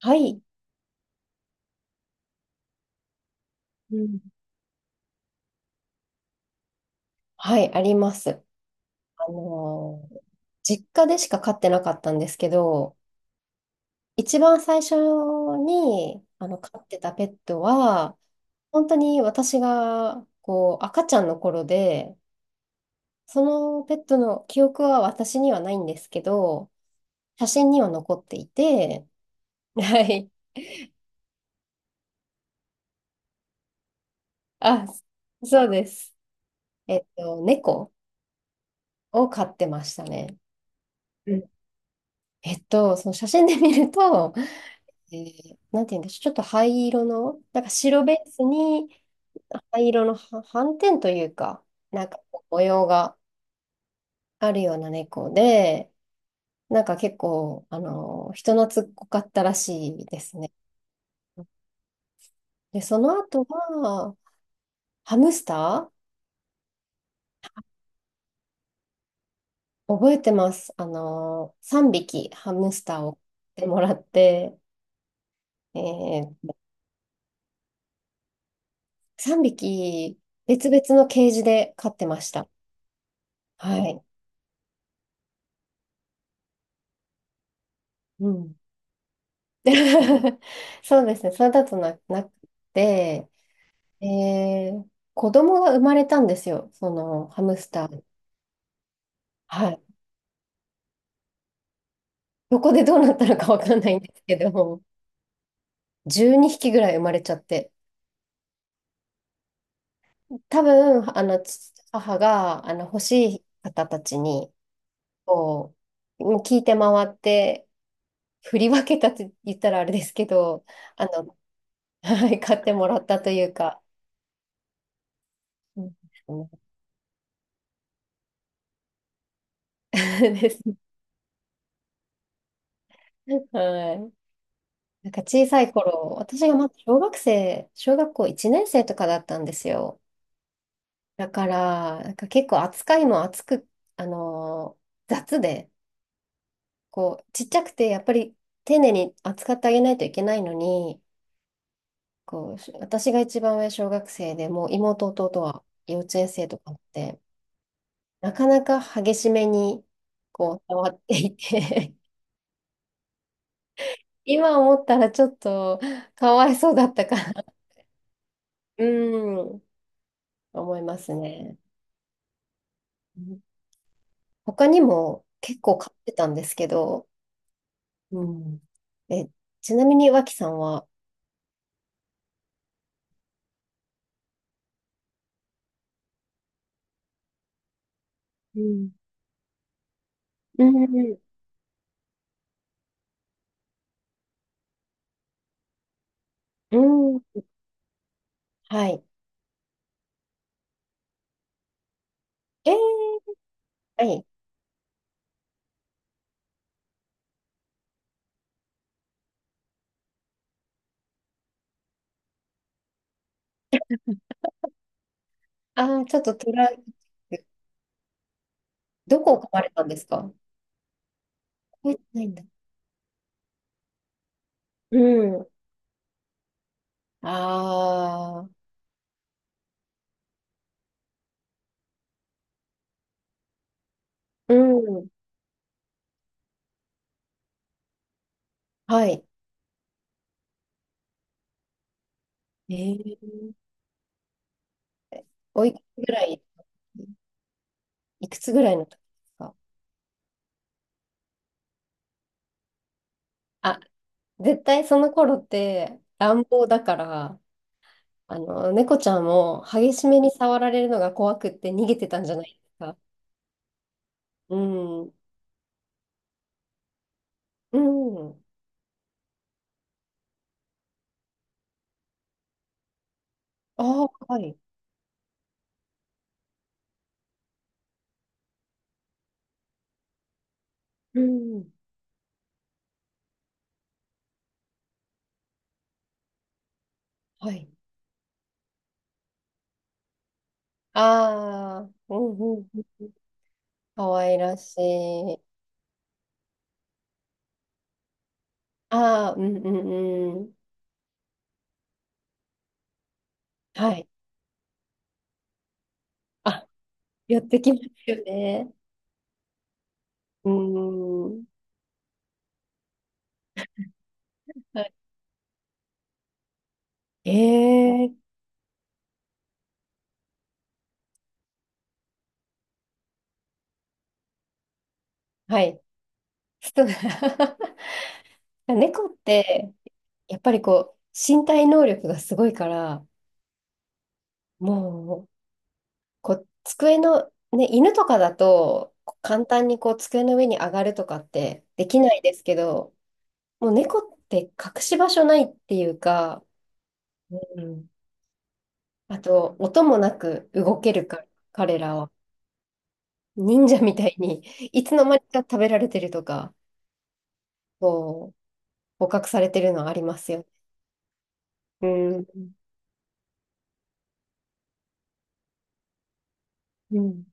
はい。うん。はい、あります。あのー実家でしか飼ってなかったんですけど、一番最初に飼ってたペットは、本当に私がこう赤ちゃんの頃で、そのペットの記憶は私にはないんですけど、写真には残っていて、はい。あ、そうです。猫を飼ってましたね。その写真で見ると、なんて言うんでしょう、ちょっと灰色の、なんか白ベースに灰色のは斑点というか、なんかこう模様があるような猫で、なんか結構、人懐っこかったらしいですね。で、その後は、ハムスター覚えてます。3匹ハムスターを買ってもらって、えー、3匹別々のケージで飼ってました。はい。うん そうですね。それだとなくて、えー子供が生まれたんですよ。そのハムスター。はい。どこでどうなったのかわかんないんですけど、12匹ぐらい生まれちゃって。多分、父母が、欲しい方たちに、こう、もう聞いて回って、振り分けたって言ったらあれですけど、あの、はい、買ってもらったというか、うん です。はい。なんか小さい頃、私がまだ小学生、小学校1年生とかだったんですよ。だから、なんか結構扱いも厚く、あの雑で、こう、ちっちゃくて、やっぱり丁寧に扱ってあげないといけないのに、こう、私が一番上小学生でもう妹弟は幼稚園生とかって、なかなか激しめに、こう、触っていて 今思ったらちょっとかわいそうだったかな。うん、思いますね。他にも結構買ってたんですけど、うん。え、ちなみに脇さんは。うん。うん、うん、はい。えー、はい。ああちょっとトライ、どこを買われたんですか。覚えてないんだ。うん。ああ、うん。はい。えー、おいくつぐらい、いくつぐらいの時ですか。あ、絶対その頃って乱暴だから、猫ちゃんも激しめに触られるのが怖くって逃げてたんじゃないですか。うん。うん。ああ、はい。うん。はい。ああ、うんうんうん。かわいらしい。ああ、うんうんうん。はい。あ、寄ってきますよね。うん。はいええはい。スト 猫って、やっぱりこう、身体能力がすごいから、もう、こう、机の、ね、犬とかだと、こう簡単にこう、机の上に上がるとかってできないですけど、もう猫って隠し場所ないっていうか、うん。あと、音もなく動けるから、彼らは。忍者みたいに、いつの間にか食べられてるとか、こう、捕獲されてるのありますよ。うん。うん。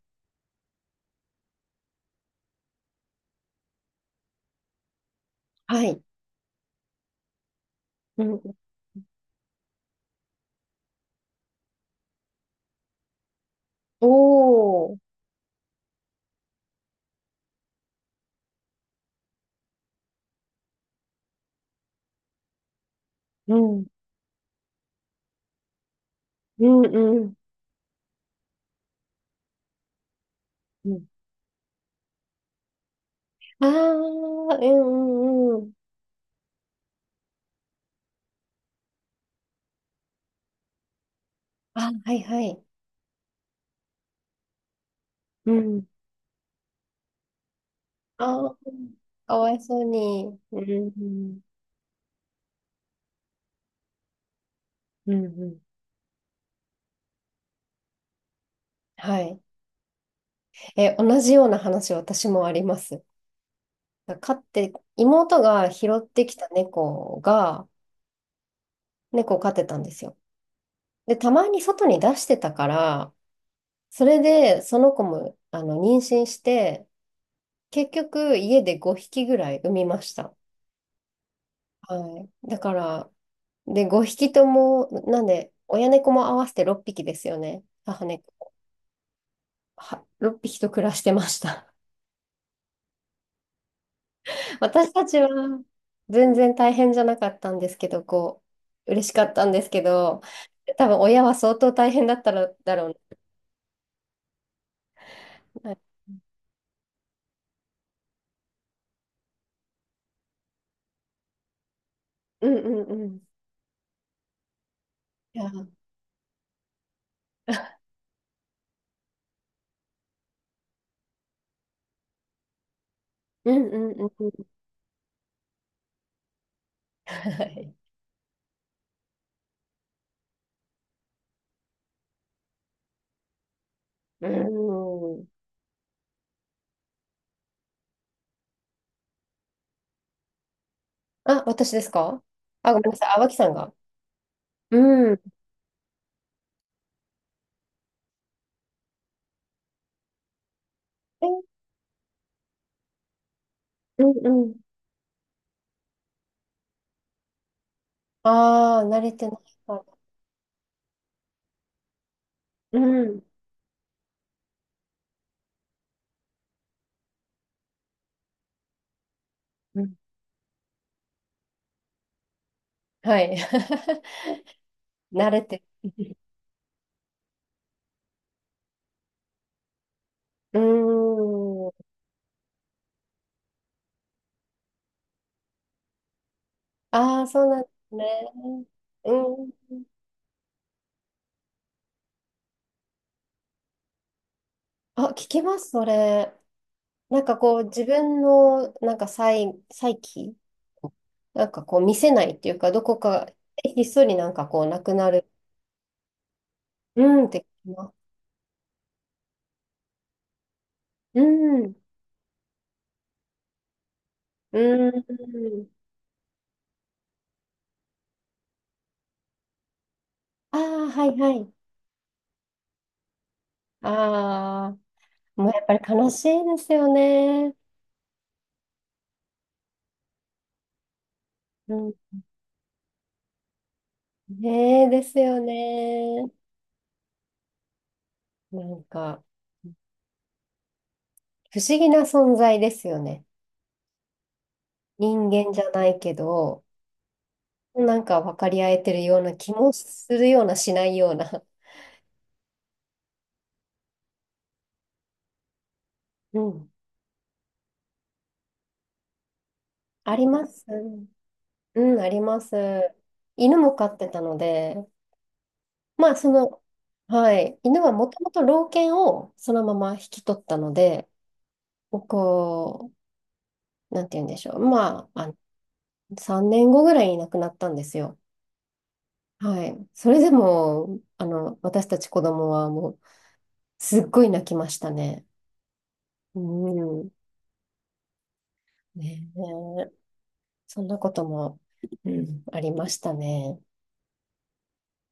はい。うん。おー。うん。うんうん。うん。ああ、うんうんうん。あ、はいはい。うん。ああ、かわいそうに。うん。うんうん。はい。え、同じような話、私もあります。飼って、妹が拾ってきた猫が、猫を飼ってたんですよ。で、たまに外に出してたから、それで、その子も、妊娠して、結局、家で5匹ぐらい産みました。はい。だから、で、5匹とも、なんで、親猫も合わせて6匹ですよね。母猫。は、6匹と暮らしてました。私たちは全然大変じゃなかったんですけど、こう、嬉しかったんですけど、多分親は相当大変だったらだろうな。はいうんうんうん。いや、うんうんうんうん。はい。うん。あ、私ですか。あ、ごめんなさい。あ、脇さんが。うん。えうんうん。ああ、慣れてないから。うん。うんはい。慣れて。うーん。ああ、そうなんですね。うん。あ、聞きます、それ。なんかこう自分のなんか再起なんかこう見せないっていうか、どこかひっそりなんかこうなくなる。うんって聞きますうん。うん。ああ、はいはい。ああ、もうやっぱり悲しいですよね。うん。ねえ、ですよね。なんか不思議な存在ですよね。人間じゃないけど、なんか分かり合えてるような気もするようなしないような。うん。あります。うん、あります。犬も飼ってたので、まあその、はい、犬はもともと老犬をそのまま引き取ったので、こう、なんて言うんでしょう、まあ、あ、3年後ぐらいに亡くなったんですよ。はい。それでも、私たち子供はもう、すっごい泣きましたね。うん。ねえ、そんなことも、うん、ありましたね。